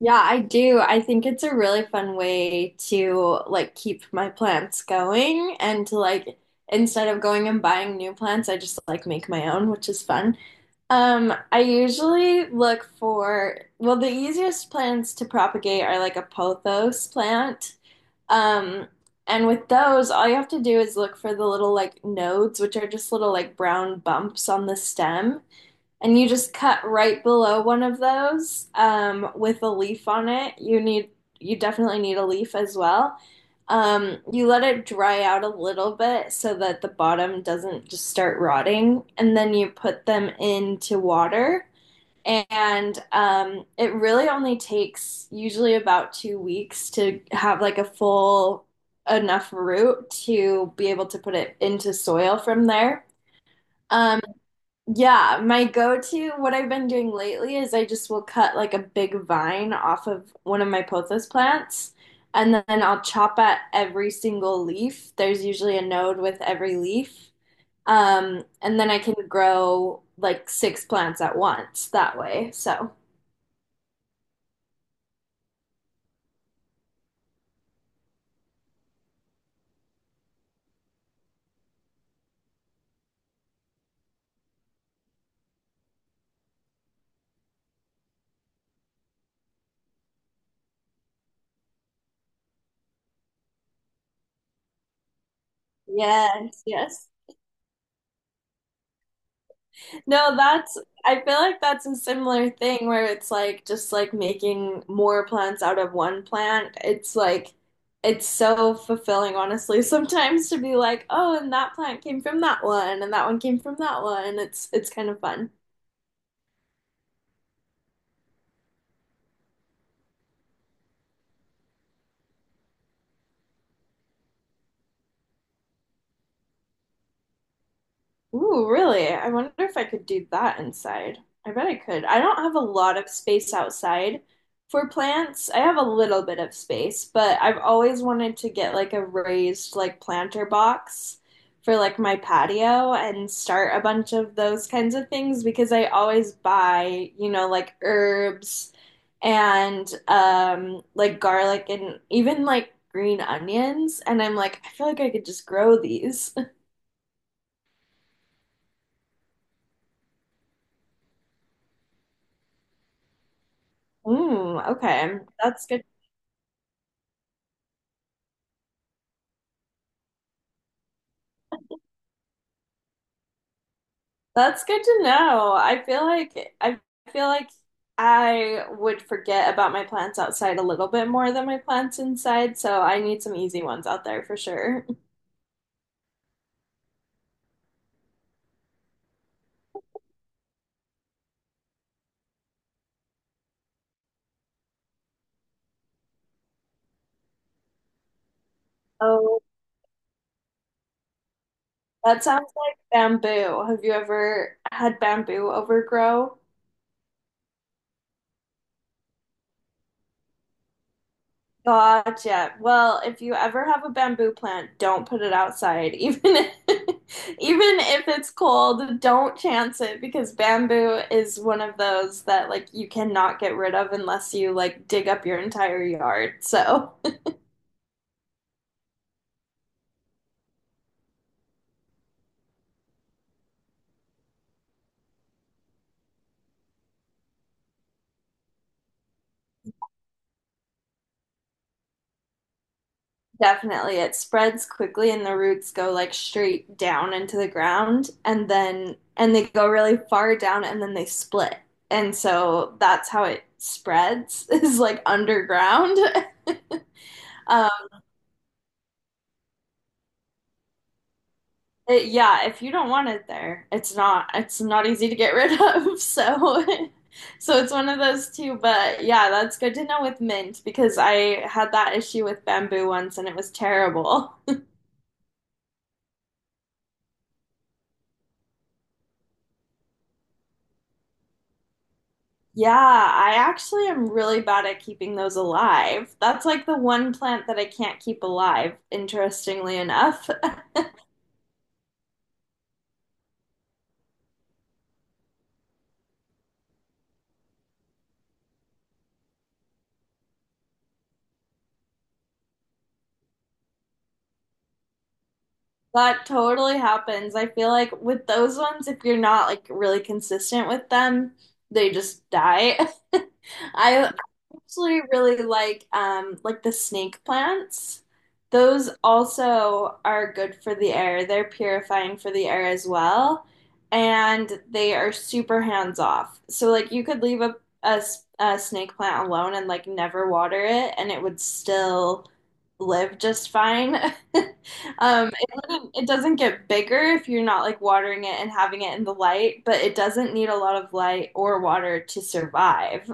Yeah, I do. I think it's a really fun way to like keep my plants going and to like instead of going and buying new plants, I just like make my own, which is fun. I usually look for well, the easiest plants to propagate are like a pothos plant. Um, and with those, all you have to do is look for the little like nodes, which are just little like brown bumps on the stem and you just cut right below one of those with a leaf on it. You definitely need a leaf as well. You let it dry out a little bit so that the bottom doesn't just start rotting, and then you put them into water. And it really only takes usually about 2 weeks to have like a full enough root to be able to put it into soil from there. Um, yeah, my go-to, what I've been doing lately is I just will cut like a big vine off of one of my pothos plants, and then I'll chop at every single leaf. There's usually a node with every leaf. And then I can grow like six plants at once that way. So, yes, yes. No, that's, I feel like that's a similar thing where it's like just like making more plants out of one plant. It's like, it's, so fulfilling, honestly, sometimes to be like, oh, and that plant came from that one, and that one came from that one. It's kind of fun. Ooh, really? I wonder if I could do that inside. I bet I could. I don't have a lot of space outside for plants. I have a little bit of space, but I've always wanted to get like a raised like planter box for like my patio and start a bunch of those kinds of things because I always buy, you know, like herbs and like garlic and even like green onions and I'm like I feel like I could just grow these. Mm, okay. That's good. That's good to know. I feel like I feel like I would forget about my plants outside a little bit more than my plants inside, so I need some easy ones out there for sure. Oh, that sounds like bamboo. Have you ever had bamboo overgrow? Gotcha. Well, if you ever have a bamboo plant, don't put it outside. Even if it's cold, don't chance it because bamboo is one of those that like you cannot get rid of unless you like dig up your entire yard. So, definitely. It spreads quickly and the roots go like straight down into the ground and then and they go really far down and then they split. And so that's how it spreads is like underground. Um, yeah, if you don't want it there, it's not easy to get rid of. So so it's one of those two, but yeah, that's good to know with mint because I had that issue with bamboo once and it was terrible. Yeah, I actually am really bad at keeping those alive. That's like the one plant that I can't keep alive, interestingly enough. That totally happens. I feel like with those ones, if you're not like really consistent with them, they just die. I actually really like the snake plants. Those also are good for the air. They're purifying for the air as well, and they are super hands off. So like you could leave a snake plant alone and like never water it, and it would still live just fine. It doesn't get bigger if you're not like watering it and having it in the light, but it doesn't need a lot of light or water to survive.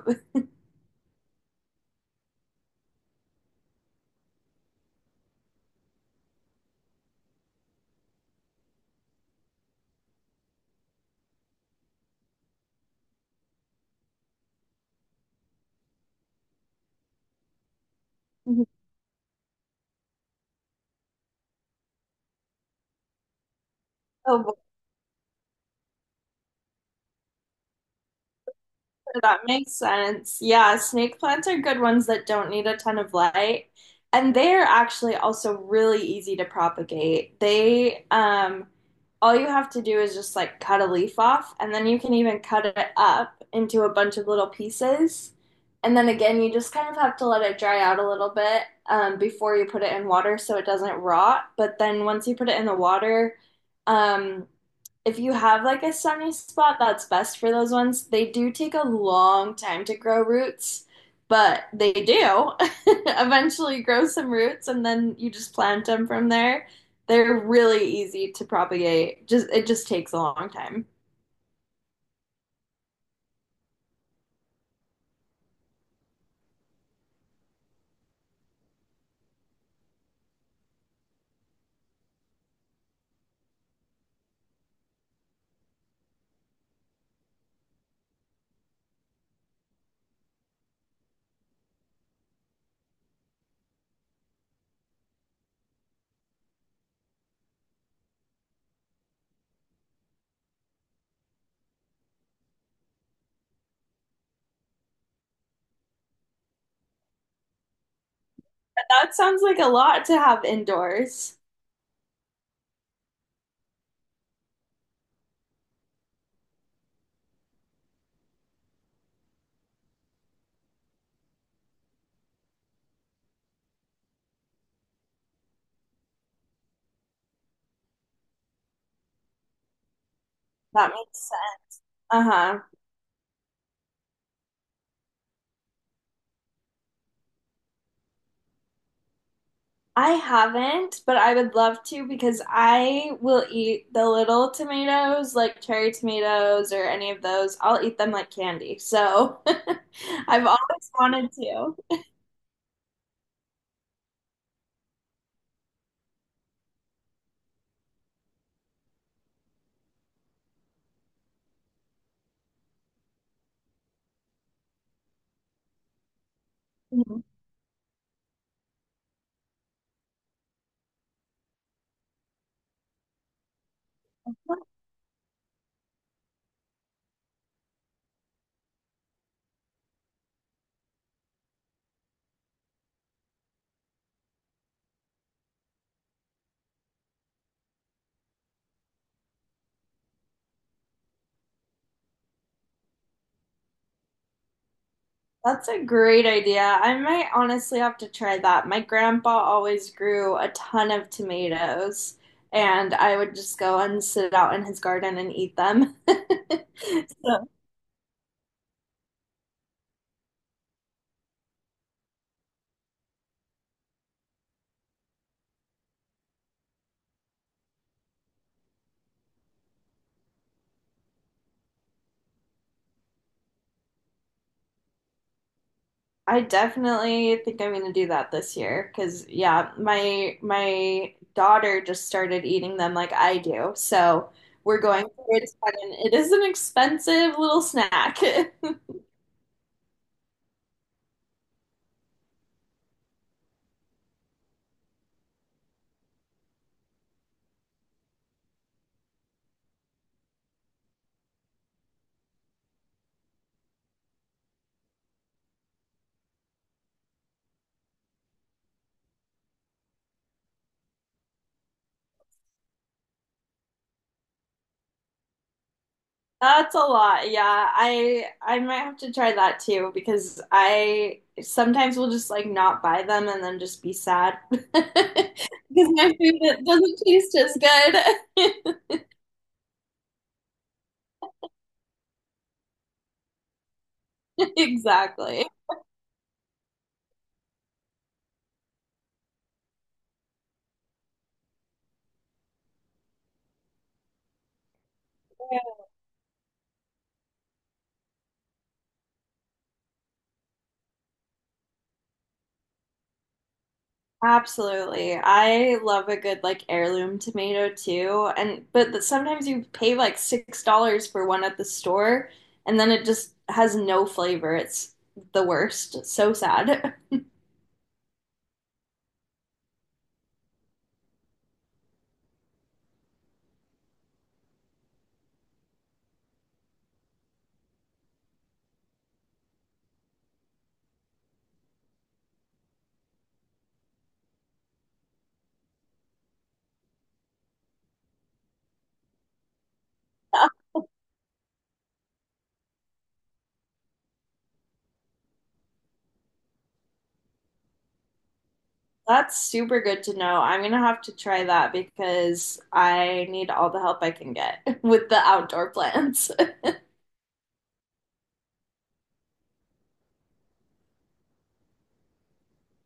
Mhm. Oh, boy, that makes sense. Yeah, snake plants are good ones that don't need a ton of light. And they're actually also really easy to propagate. All you have to do is just like cut a leaf off, and then you can even cut it up into a bunch of little pieces. And then again, you just kind of have to let it dry out a little bit, before you put it in water so it doesn't rot. But then once you put it in the water, um, if you have like a sunny spot, that's best for those ones. They do take a long time to grow roots, but they do eventually grow some roots and then you just plant them from there. They're really easy to propagate. Just it just takes a long time. But that sounds like a lot to have indoors. That makes sense. Uh-huh. I haven't, but I would love to because I will eat the little tomatoes, like cherry tomatoes or any of those. I'll eat them like candy. So I've always wanted to. Mhm. That's a great idea. I might honestly have to try that. My grandpa always grew a ton of tomatoes, and I would just go and sit out in his garden and eat them. So I definitely think I'm gonna do that this year because yeah, my daughter just started eating them like I do. So we're going through it together, and it is an expensive little snack. That's a lot. Yeah, I might have to try that too because I sometimes will just like not buy them and then just be sad because my food doesn't taste as good. Exactly. Absolutely. I love a good like heirloom tomato too. And but th- sometimes you pay like $6 for one at the store and then it just has no flavor. It's the worst. It's so sad. That's super good to know. I'm gonna have to try that because I need all the help I can get with the outdoor plants.